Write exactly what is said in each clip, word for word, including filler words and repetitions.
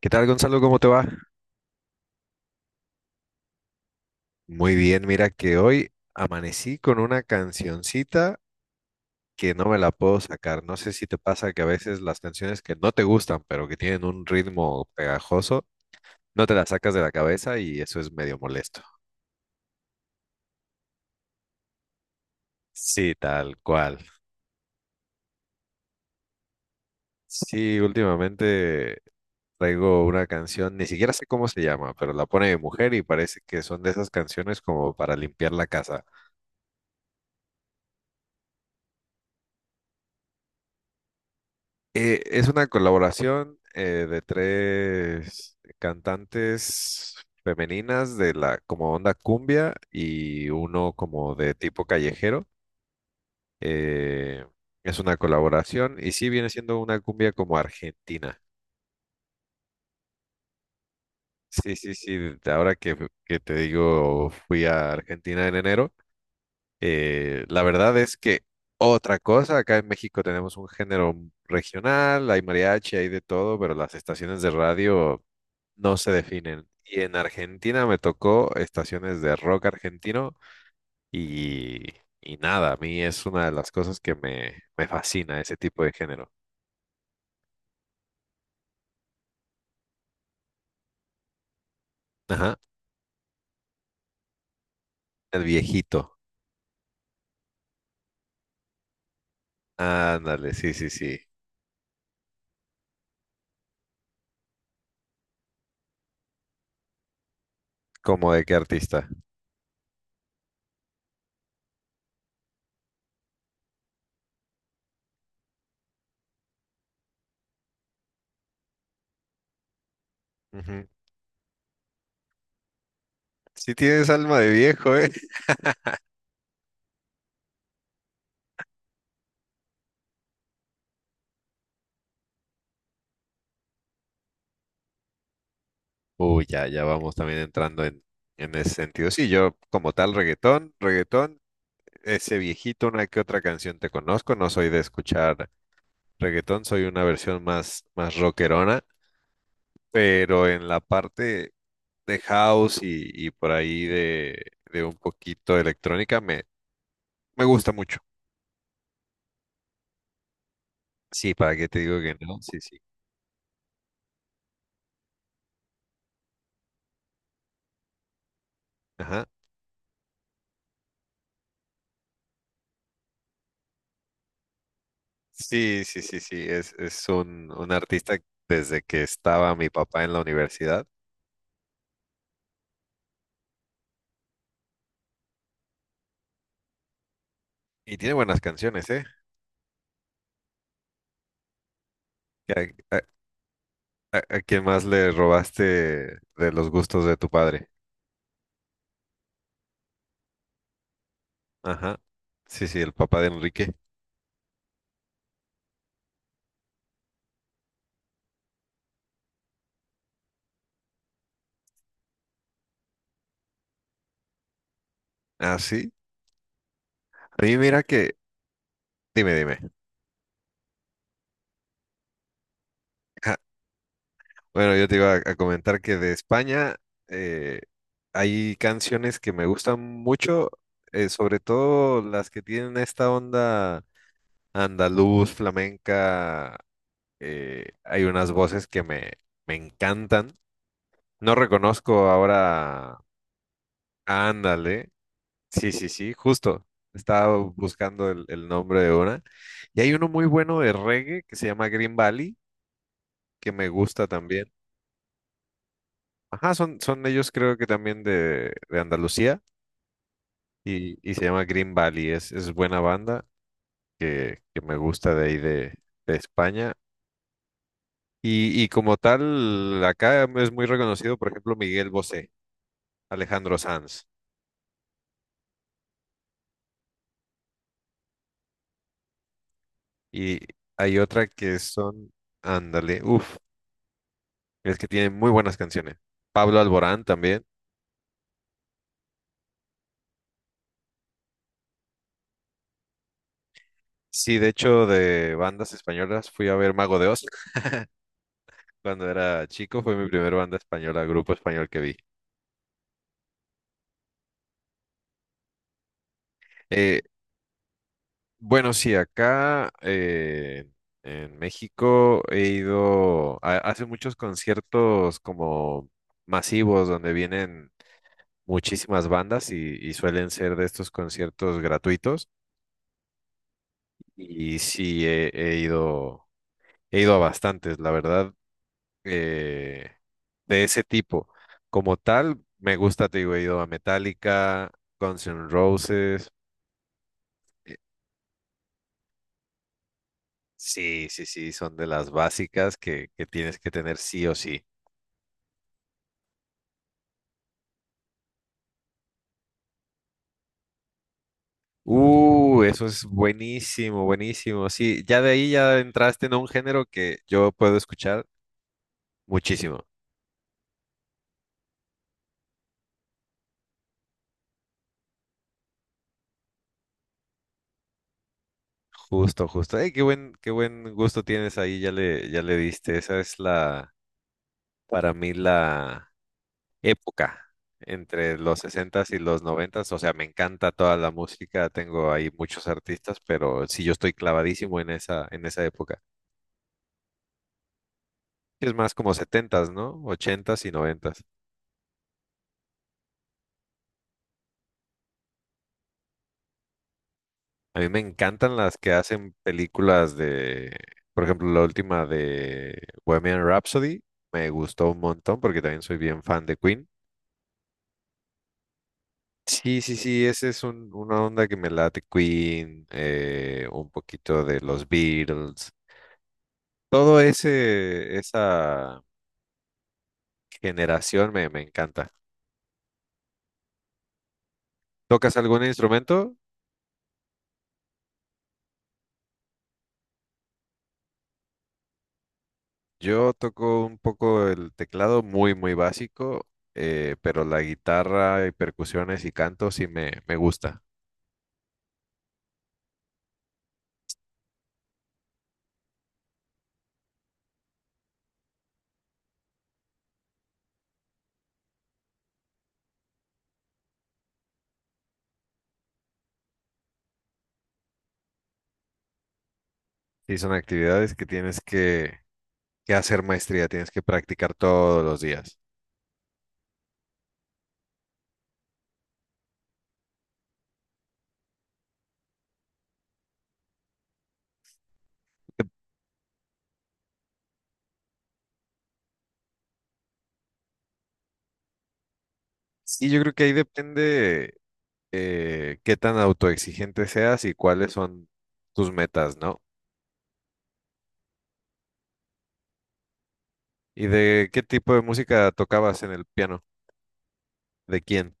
¿Qué tal, Gonzalo? ¿Cómo te va? Muy bien, mira que hoy amanecí con una cancioncita que no me la puedo sacar. No sé si te pasa que a veces las canciones que no te gustan, pero que tienen un ritmo pegajoso, no te las sacas de la cabeza y eso es medio molesto. Sí, tal cual. Sí, últimamente traigo una canción, ni siquiera sé cómo se llama, pero la pone mi mujer y parece que son de esas canciones como para limpiar la casa. Eh, es una colaboración eh, de tres cantantes femeninas de la como onda cumbia y uno como de tipo callejero. Eh, es una colaboración y sí viene siendo una cumbia como argentina. Sí, sí, sí. de Ahora que, que te digo, fui a Argentina en enero. Eh, la verdad es que otra cosa, acá en México tenemos un género regional, hay mariachi, hay de todo, pero las estaciones de radio no se definen. Y en Argentina me tocó estaciones de rock argentino y, y nada, a mí es una de las cosas que me, me fascina ese tipo de género. Ajá, el viejito. Ándale, sí, sí, sí. ¿Cómo de qué artista? Ujú. Sí tienes alma de viejo, ¿eh? Uy, ya, ya vamos también entrando en, en ese sentido. Sí, yo como tal reggaetón, reggaetón, ese viejito, una que otra canción te conozco, no soy de escuchar reggaetón, soy una versión más, más rockerona. Pero en la parte de house y, y por ahí de, de un poquito de electrónica me, me gusta mucho. Sí, ¿para qué te digo que no? Sí, sí. Ajá. Sí, sí, sí, sí. Es, es un, un artista desde que estaba mi papá en la universidad y tiene buenas canciones, ¿eh? ¿A, a, a- a quién más le robaste de los gustos de tu padre? Ajá. Sí, sí, el papá de Enrique. Ah, sí. A mí mira que... Dime, dime. Bueno, yo te iba a, a comentar que de España eh, hay canciones que me gustan mucho, eh, sobre todo las que tienen esta onda andaluz, flamenca. Eh, hay unas voces que me, me encantan. No reconozco ahora. Ándale. Sí, sí, sí, justo. Estaba buscando el, el nombre de una. Y hay uno muy bueno de reggae que se llama Green Valley, que me gusta también. Ajá, son, son ellos creo que también de, de Andalucía y, y se llama Green Valley. Es, es buena banda que, que me gusta de ahí de, de España. Y, y como tal, acá es muy reconocido, por ejemplo, Miguel Bosé, Alejandro Sanz. Y hay otra que son, ándale, uff, es que tienen muy buenas canciones. Pablo Alborán también. Sí, de hecho, de bandas españolas fui a ver Mago de Oz cuando era chico. Fue mi primer banda española, grupo español que vi. Eh, Bueno, sí, acá eh, en México he ido, a- hace muchos conciertos como masivos donde vienen muchísimas bandas y, y suelen ser de estos conciertos gratuitos. Y sí, he, he ido, he ido a bastantes, la verdad, eh, de ese tipo. Como tal, me gusta, te digo, he ido a Metallica, Guns N' Roses. eh, Sí, sí, sí, son de las básicas que, que tienes que tener sí o sí. Uh, eso es buenísimo, buenísimo. Sí, ya de ahí ya entraste en un género que yo puedo escuchar muchísimo. Justo, justo. Eh, qué buen, qué buen gusto tienes ahí, ya le, ya le diste. Esa es la, para mí, la época entre los sesentas y los noventas. O sea, me encanta toda la música, tengo ahí muchos artistas, pero sí, yo estoy clavadísimo en esa, en esa época. Es más como setentas, no. Ochentas y noventas. A mí me encantan las que hacen películas de, por ejemplo, la última de Bohemian Rhapsody, me gustó un montón porque también soy bien fan de Queen. Sí, sí, sí, esa es un- una onda que me late Queen, eh, un poquito de los Beatles, todo ese, esa generación me, me encanta. ¿Tocas algún instrumento? Yo toco un poco el teclado muy, muy básico, eh, pero la guitarra y percusiones y canto sí me, me gusta. Sí, son actividades que tienes que, que hacer maestría, tienes que practicar todos los días. Y yo creo que ahí depende eh, qué tan autoexigente seas y cuáles son tus metas, ¿no? ¿Y de qué tipo de música tocabas en el piano? ¿De quién?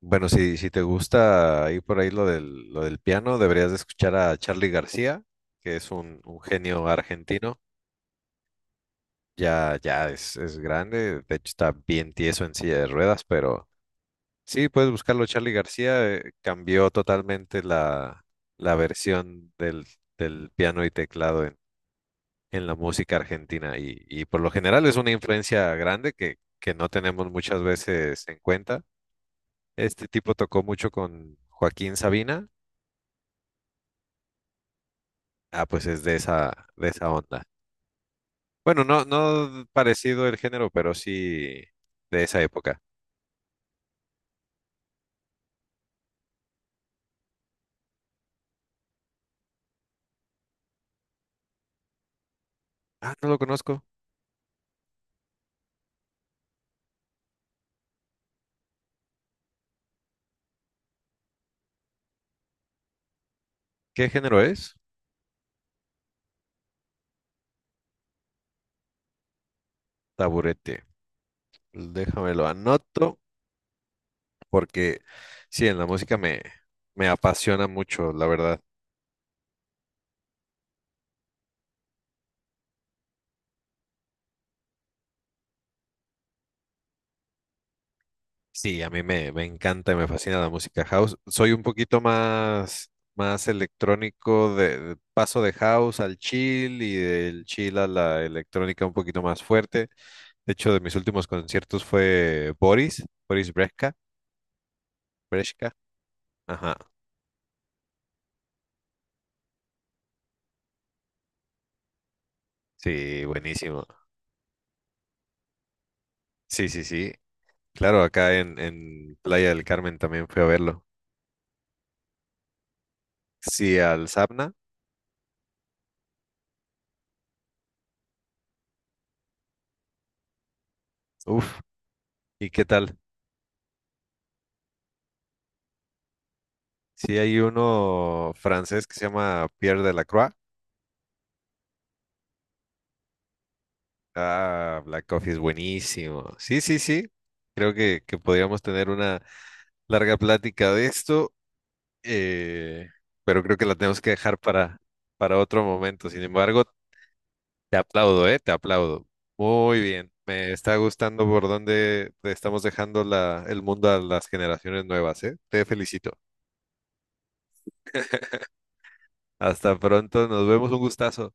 Bueno, si, si te gusta ahí por ahí lo del, lo del piano, deberías de escuchar a Charly García, que es un, un genio argentino. Ya, ya es, es grande, de hecho está bien tieso en silla de ruedas, pero... Sí, puedes buscarlo. Charlie García eh, cambió totalmente la, la versión del, del piano y teclado en, en la música argentina y, y por lo general es una influencia grande que, que no tenemos muchas veces en cuenta. Este tipo tocó mucho con Joaquín Sabina. Ah, pues es de esa, de esa onda. Bueno, no, no parecido el género, pero sí de esa época. Ah, no lo conozco. ¿Qué género es? Taburete. Déjamelo anoto. Porque sí, en la música me, me apasiona mucho, la verdad. Sí, a mí me, me encanta y me fascina la música house. Soy un poquito más, más electrónico, de, de- paso de house al chill y del chill a la electrónica un poquito más fuerte. De hecho, de mis últimos conciertos fue Boris, Boris Brejcha, Brejcha. Ajá, sí, buenísimo. Sí, sí, sí. Claro, acá en, en Playa del Carmen también fui a verlo. Sí, al Sabna. Uf, ¿y qué tal? Sí, hay uno francés que se llama Pierre Delacroix. Ah, Black Coffee es buenísimo. Sí, sí, sí. Creo que, que podríamos tener una larga plática de esto, eh, pero creo que la tenemos que dejar para, para otro momento. Sin embargo, te aplaudo, ¿eh? Te aplaudo. Muy bien. Me está gustando por dónde te estamos dejando la, el mundo a las generaciones nuevas, ¿eh? Te felicito. Hasta pronto. Nos vemos. Un gustazo.